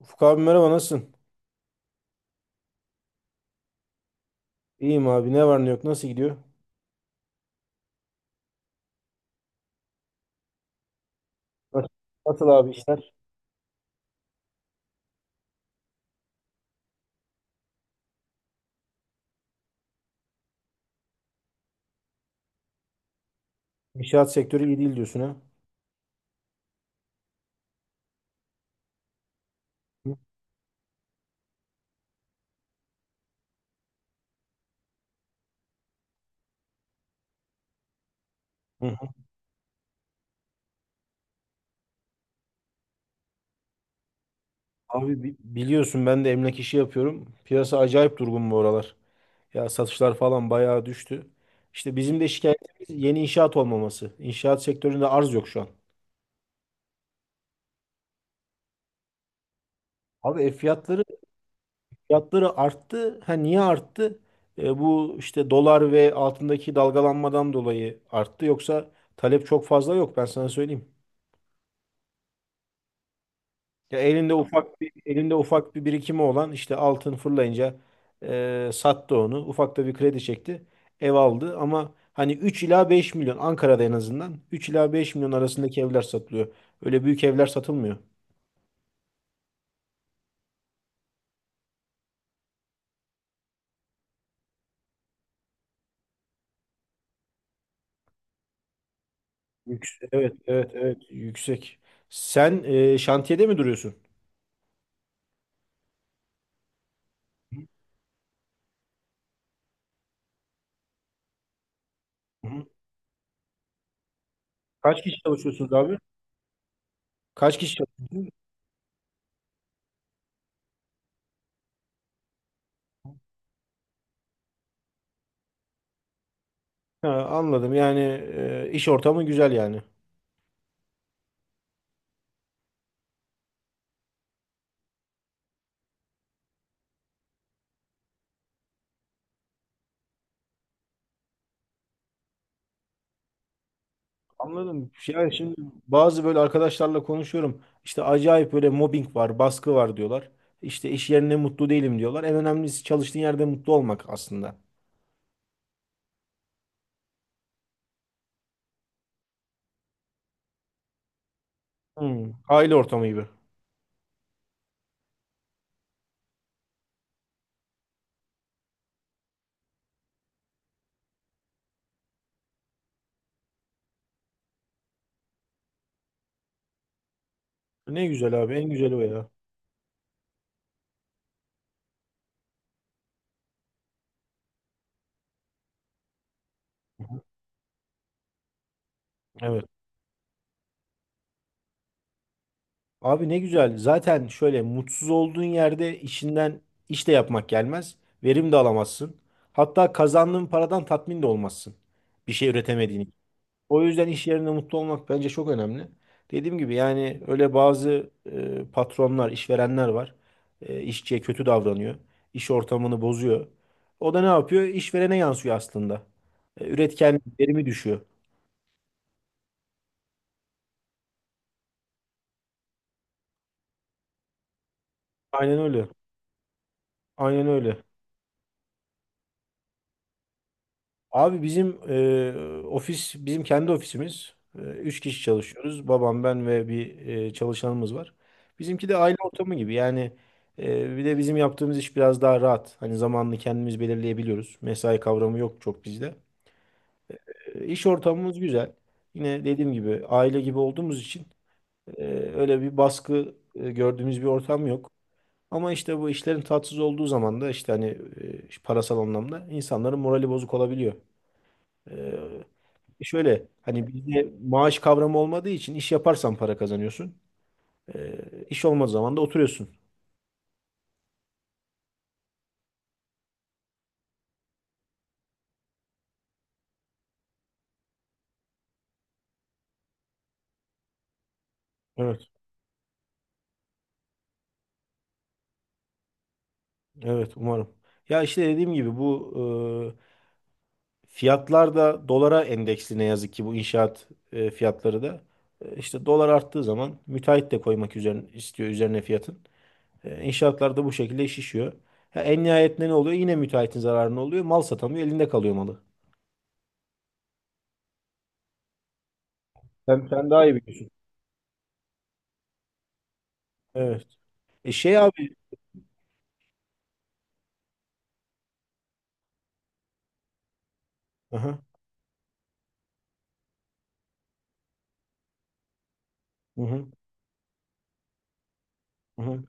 Ufuk abi merhaba, nasılsın? İyiyim abi, ne var ne yok, nasıl gidiyor? Nasıl, nasıl abi işler? İnşaat sektörü iyi değil diyorsun ha? Hı hı. Abi biliyorsun, ben de emlak işi yapıyorum. Piyasa acayip durgun bu aralar. Ya satışlar falan bayağı düştü. İşte bizim de şikayetimiz yeni inşaat olmaması. İnşaat sektöründe arz yok şu an. Abi ev fiyatları arttı. Ha niye arttı? Bu işte dolar ve altındaki dalgalanmadan dolayı arttı. Yoksa talep çok fazla yok, ben sana söyleyeyim. Ya elinde ufak bir birikimi olan, işte altın fırlayınca sattı onu. Ufak da bir kredi çekti. Ev aldı ama hani 3 ila 5 milyon, Ankara'da en azından 3 ila 5 milyon arasındaki evler satılıyor. Öyle büyük evler satılmıyor. Yüksek. Evet, evet, evet. Yüksek. Sen şantiyede mi duruyorsun? Hı hı. Kaç kişi çalışıyorsunuz abi? Kaç kişi çalışıyorsunuz? Ha, anladım. Yani iş ortamı güzel yani. Anladım. Yani şimdi bazı böyle arkadaşlarla konuşuyorum. İşte acayip böyle mobbing var, baskı var diyorlar. İşte iş yerinde mutlu değilim diyorlar. En önemlisi çalıştığın yerde mutlu olmak aslında. Hmm, aile ortamı gibi. Ne güzel abi, en güzeli o ya. Evet. Abi ne güzel. Zaten şöyle mutsuz olduğun yerde işinden iş de yapmak gelmez. Verim de alamazsın. Hatta kazandığın paradan tatmin de olmazsın. Bir şey üretemediğini. O yüzden iş yerinde mutlu olmak bence çok önemli. Dediğim gibi yani, öyle bazı patronlar, işverenler var. İşçiye kötü davranıyor. İş ortamını bozuyor. O da ne yapıyor? İşverene yansıyor aslında. Üretken verimi düşüyor. Aynen öyle. Aynen öyle. Abi bizim ofis, bizim kendi ofisimiz. 3 kişi çalışıyoruz. Babam, ben ve bir çalışanımız var. Bizimki de aile ortamı gibi. Yani bir de bizim yaptığımız iş biraz daha rahat. Hani zamanını kendimiz belirleyebiliyoruz. Mesai kavramı yok çok bizde. İş ortamımız güzel. Yine dediğim gibi aile gibi olduğumuz için e, öyle bir baskı gördüğümüz bir ortam yok. Ama işte bu işlerin tatsız olduğu zaman da işte hani parasal anlamda insanların morali bozuk olabiliyor. Ee, Şöyle, hani bizde maaş kavramı olmadığı için, iş yaparsan para kazanıyorsun. İş olmadığı zaman da oturuyorsun. Evet, evet umarım. Ya işte dediğim gibi bu fiyatlar da dolara endeksli, ne yazık ki bu inşaat fiyatları da. İşte dolar arttığı zaman müteahhit de koymak üzerine istiyor, üzerine fiyatın. İnşaatlar da bu şekilde şişiyor. Ha, en nihayetinde ne oluyor? Yine müteahhitin zararına oluyor. Mal satamıyor, elinde kalıyor malı. Sen, sen daha iyi biliyorsun. Evet. E şey abi. Aha, hı hı. Hı hı.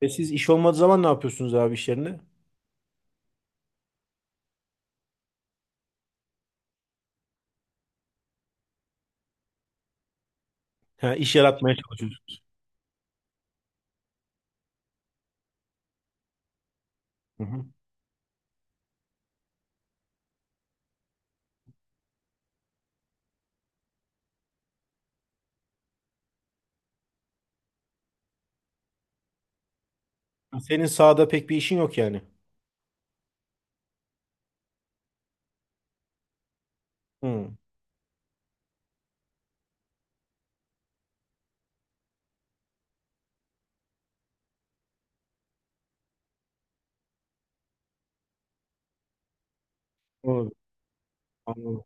E siz iş olmadığı zaman ne yapıyorsunuz abi iş yerine? Ha, iş yaratmaya çalışıyorsunuz. Hı hı. Senin sahada pek bir işin yok yani. Hı. Anladım. Anladım.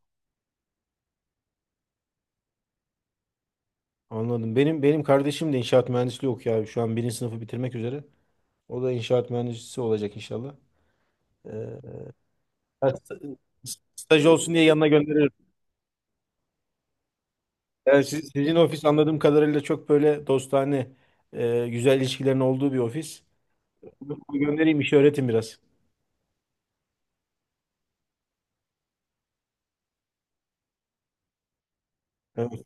Anladım. Benim kardeşim de inşaat mühendisliği okuyor abi. Şu an birinci sınıfı bitirmek üzere. O da inşaat mühendisi olacak inşallah. Ee, Ben staj olsun diye yanına gönderirim. Yani sizin ofis, anladığım kadarıyla, çok böyle dostane, güzel ilişkilerin olduğu bir ofis. Göndereyim, işi öğretin biraz. Evet.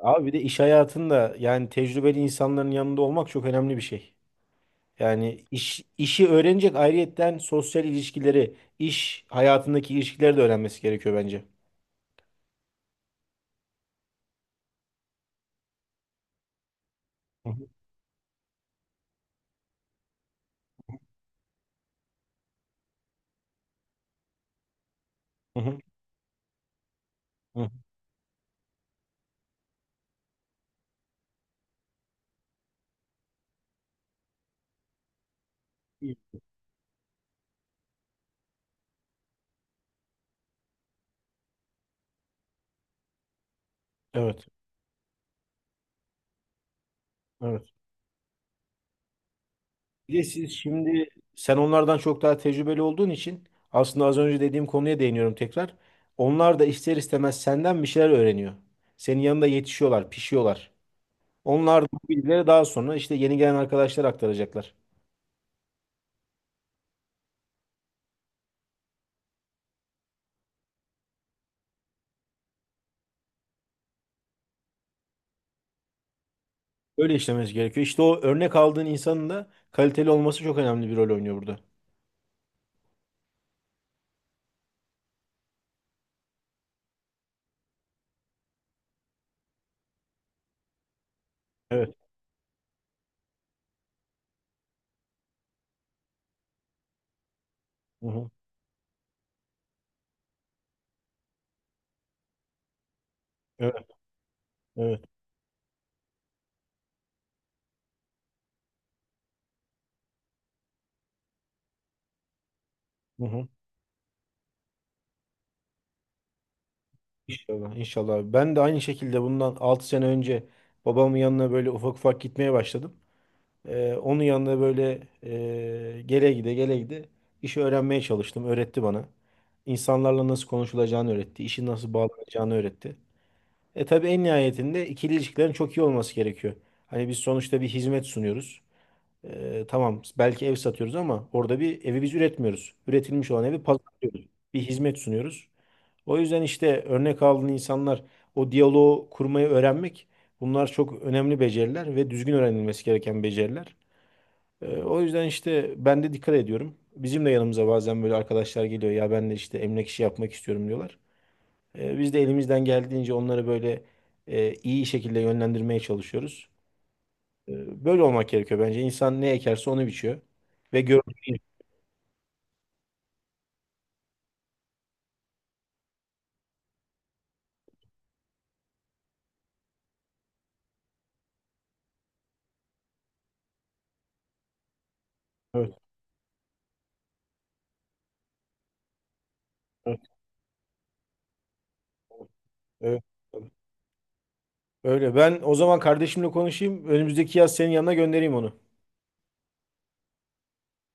Abi bir de iş hayatında yani tecrübeli insanların yanında olmak çok önemli bir şey. Yani işi öğrenecek, ayrıyetten sosyal ilişkileri, iş hayatındaki ilişkileri de öğrenmesi gerekiyor bence. Hı hı, hı hı, hı. Evet, evet. Bir de siz şimdi, sen onlardan çok daha tecrübeli olduğun için, aslında az önce dediğim konuya değiniyorum tekrar. Onlar da ister istemez senden bir şeyler öğreniyor. Senin yanında yetişiyorlar, pişiyorlar. Onlar da bu bilgileri daha sonra işte yeni gelen arkadaşlar aktaracaklar. Böyle işlemesi gerekiyor. İşte o örnek aldığın insanın da kaliteli olması çok önemli bir rol oynuyor burada. Evet. Hı hı. Evet. Evet. Hı hı. İnşallah. İnşallah. Ben de aynı şekilde bundan 6 sene önce babamın yanına böyle ufak ufak gitmeye başladım. Onun yanına böyle gele gide işi öğrenmeye çalıştım. Öğretti bana. İnsanlarla nasıl konuşulacağını öğretti. İşi nasıl bağlanacağını öğretti. E tabii, en nihayetinde ikili ilişkilerin çok iyi olması gerekiyor. Hani biz sonuçta bir hizmet sunuyoruz. Tamam, belki ev satıyoruz ama orada bir evi biz üretmiyoruz. Üretilmiş olan evi pazarlıyoruz. Bir hizmet sunuyoruz. O yüzden işte örnek aldığın insanlar, o diyaloğu kurmayı öğrenmek, bunlar çok önemli beceriler ve düzgün öğrenilmesi gereken beceriler. O yüzden işte ben de dikkat ediyorum. Bizim de yanımıza bazen böyle arkadaşlar geliyor ya, ben de işte emlak işi yapmak istiyorum diyorlar. Biz de elimizden geldiğince onları böyle iyi şekilde yönlendirmeye çalışıyoruz. Böyle olmak gerekiyor bence. İnsan ne ekerse onu biçiyor. Ve gördüğü. Evet, evet, evet. Öyle. Ben o zaman kardeşimle konuşayım. Önümüzdeki yaz senin yanına göndereyim onu.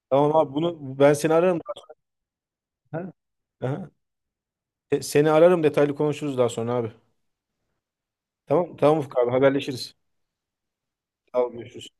Tamam abi, bunu ben seni ararım. Ha? Aha. Seni ararım, detaylı konuşuruz daha sonra abi. Tamam tamam Ufuk abi, haberleşiriz. Tamam görüşürüz.